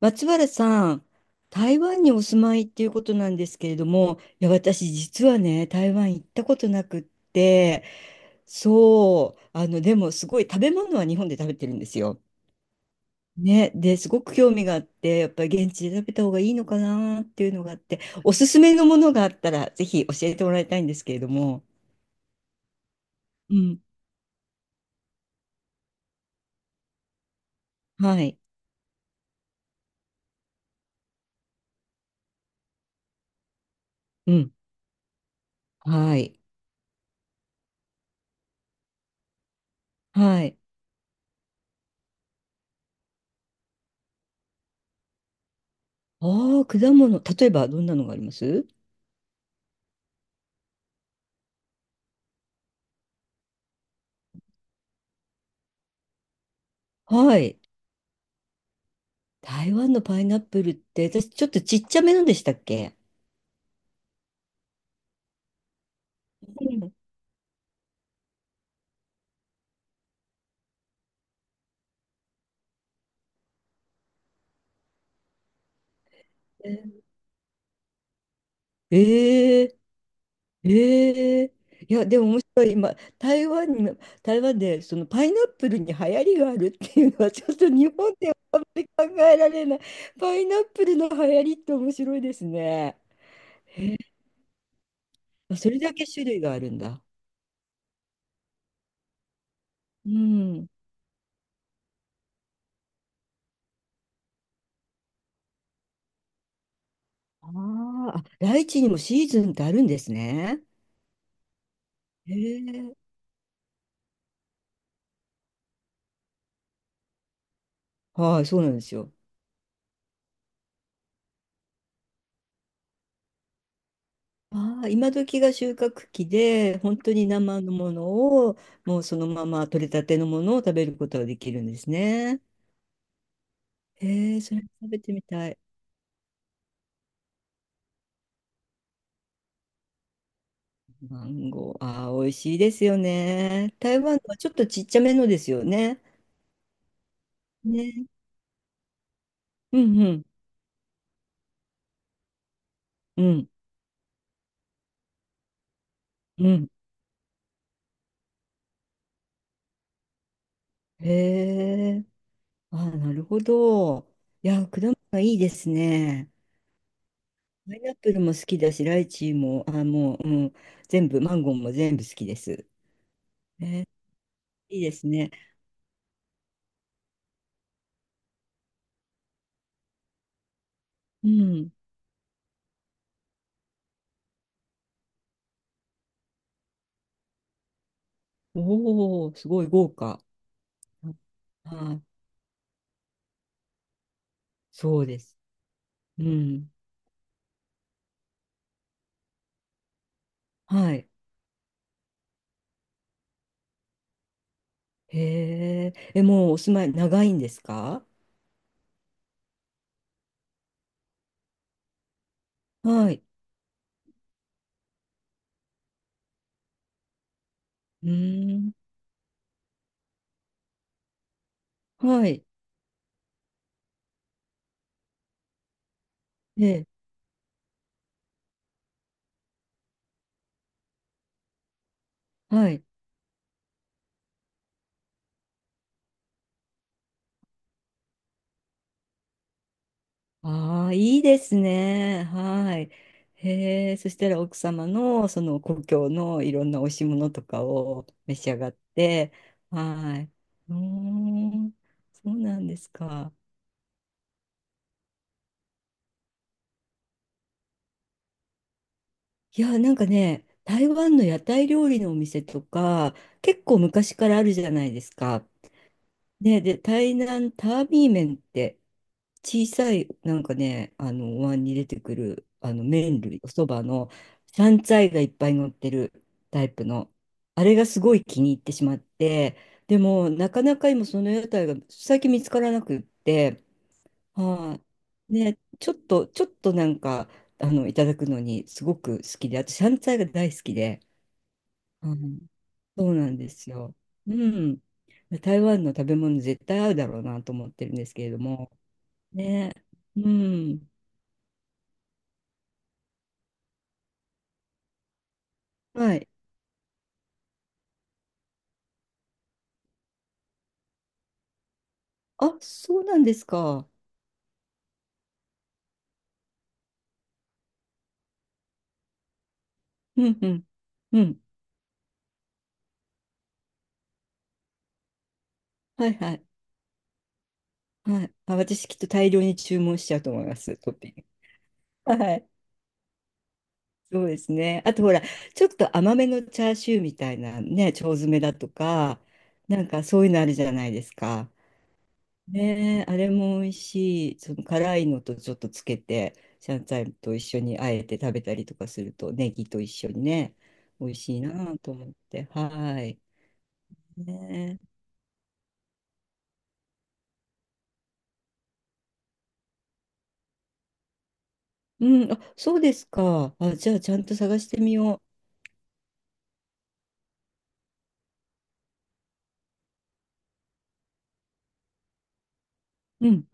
松原さん、台湾にお住まいっていうことなんですけれども、いや、私実はね、台湾行ったことなくって、そう、でもすごい食べ物は日本で食べてるんですよ。ね、で、すごく興味があって、やっぱり現地で食べた方がいいのかなっていうのがあって、おすすめのものがあったら、ぜひ教えてもらいたいんですけれども。うん。はい。うん。はい。はい。ああ、果物。例えばどんなのがあります？はい。台湾のパイナップルって、私ちょっとちっちゃめなんでしたっけ？うん。ええ。ええ。いや、でも面白い。今、台湾に、台湾で、そのパイナップルに流行りがあるっていうのは、ちょっと日本ではあんまり考えられない。パイナップルの流行りって面白いですね。それだけ種類があるんだ。うん。あーあ、ライチにもシーズンってあるんですね。へえ。はい、そうなんですよ。ああ、今時が収穫期で、本当に生のものを、もうそのまま取れたてのものを食べることができるんですね。へえ、それ食べてみたい。マンゴー、ああ、美味しいですよね。台湾のはちょっとちっちゃめのですよね。ね。うんうん、うん、うん。へえ、ああ、なるほど。いや、果物がいいですね。パイナップルも好きだし、ライチも、ああ、もう、うん、全部、マンゴーも全部好きです。えーいいですね。うん。おお、すごい豪華。はい。そうです。うん。はい。へえ。え、もうお住まい長いんですか？はい。うーん。はい。え、はい。ああ、いいですね。はい。へえ。そしたら奥様のその故郷のいろんなおいしいものとかを召し上がって。はい。うーん。そうなんですか。いや、なんかね、台湾の屋台料理のお店とか、結構昔からあるじゃないですか。ね、で、台南タービー麺って、小さい、なんかね、お椀に出てくる、麺類、おそばの、山菜がいっぱい乗ってるタイプの、あれがすごい気に入ってしまって、でも、なかなか今、その屋台が最近見つからなくって、はい。ね、ちょっとなんか、いただくのにすごく好きで、あと、シャンツァイが大好きで、うん、そうなんですよ。うん。台湾の食べ物絶対合うだろうなと思ってるんですけれども。ね。うん。はい。あ、そうなんですか。うんうん。うん。はいはい。はい。あ、私きっと大量に注文しちゃうと思います、トッピング。はい。そうですね。あとほら、ちょっと甘めのチャーシューみたいなね、腸詰めだとか、なんかそういうのあるじゃないですか。ねえ、あれも美味しい。その辛いのとちょっとつけて、シャンツァイと一緒にあえて食べたりとかすると、ネギと一緒にね、美味しいなと思って。はい。ねえ。うん、あ、そうですか。あ、じゃあちゃんと探してみよう。うん。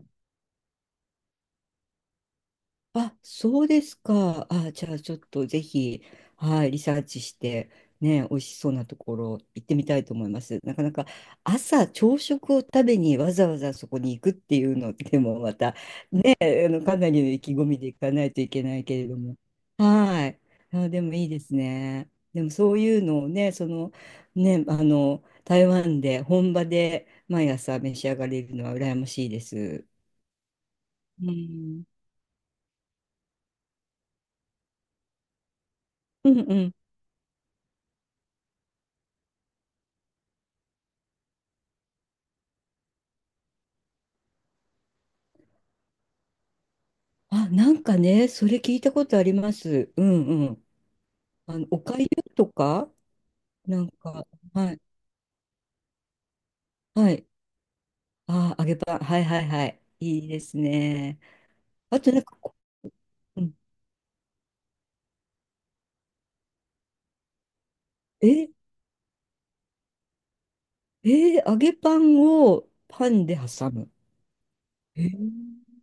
あ、そうですか。あ、じゃあちょっとぜひ、はい、リサーチして、ね、美味しそうなところ行ってみたいと思います。なかなか朝食を食べにわざわざそこに行くっていうのでもまたね、えあのかなりの意気込みで行かないといけないけれども。はい。あ、でもいいですね。でもそういうのをね、その、ね、台湾で本場で毎朝召し上がれるのは羨ましいです。うんうんうん。あ、なんかね、それ聞いたことあります。うんうん。おかゆとか、なんか、はい、はい。あ、揚げパン、はいはいはい。いいですね。あとなんかこう、うん、え、えー揚げパンをパンで挟む。えー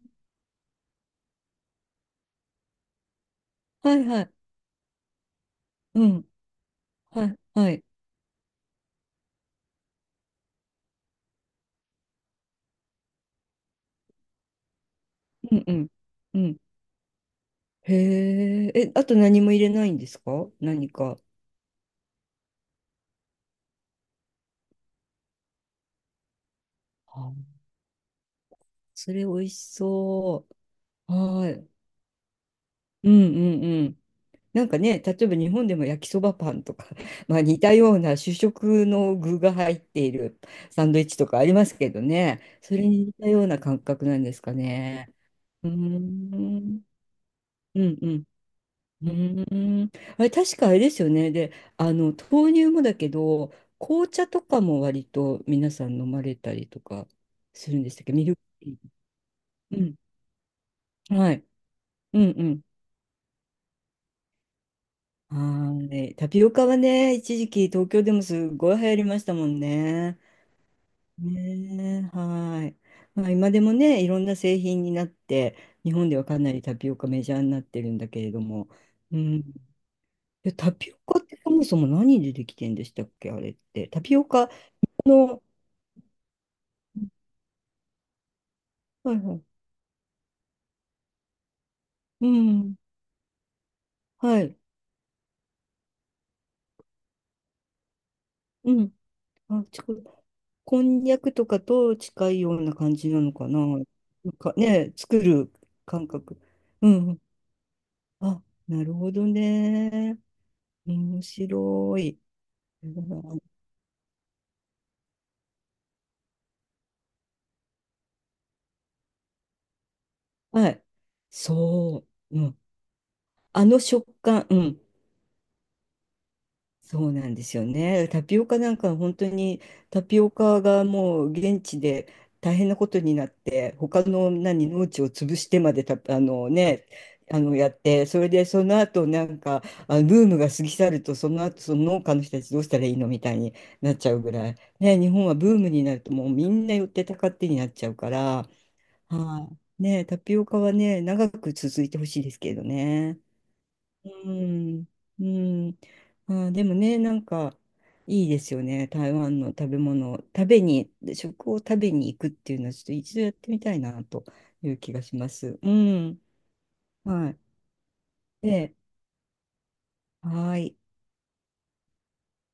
はいはい。うん、はい、はい。うんうん。うん。へえ、え、あと何も入れないんですか、何か？あ、それ美味しそう。はい。うんうん。なんかね、例えば日本でも焼きそばパンとか、まあ、似たような主食の具が入っているサンドイッチとかありますけどね、それに似たような感覚なんですかね。うーん、うんうん、うーん。あれ、確かあれですよね。で、豆乳もだけど、紅茶とかも割と皆さん飲まれたりとかするんでしたっけ、ミルクティー？うん、はい。うんうん。はい。タピオカはね、一時期東京でもすごい流行りましたもんね。ねえ、はい。まあ、今でもね、いろんな製品になって、日本ではかなりタピオカメジャーになってるんだけれども、うん。で、タピオカってそもそも何でできてんでしたっけ、あれって。タピオカの、はいはい。うん。はい。うん。あ、こんにゃくとかと近いような感じなのかな。なんかね、作る感覚。うん。あ、なるほどね。面白い。はい。そう。うん。あの食感。うん。そうなんですよね。タピオカなんか本当にタピオカがもう現地で大変なことになって、他の何農地を潰してまでた、やって、それでその後なんかブームが過ぎ去ると、その後その農家の人たちどうしたらいいのみたいになっちゃうぐらい。ね、日本はブームになるともうみんな寄ってたかってになっちゃうから、はい。ね、タピオカはね、長く続いてほしいですけどね。うん、うん。まあー、でもね、なんかいいですよね。台湾の食べ物、食を食べに行くっていうのは、ちょっと一度やってみたいなという気がします。うん。はい。で、はい。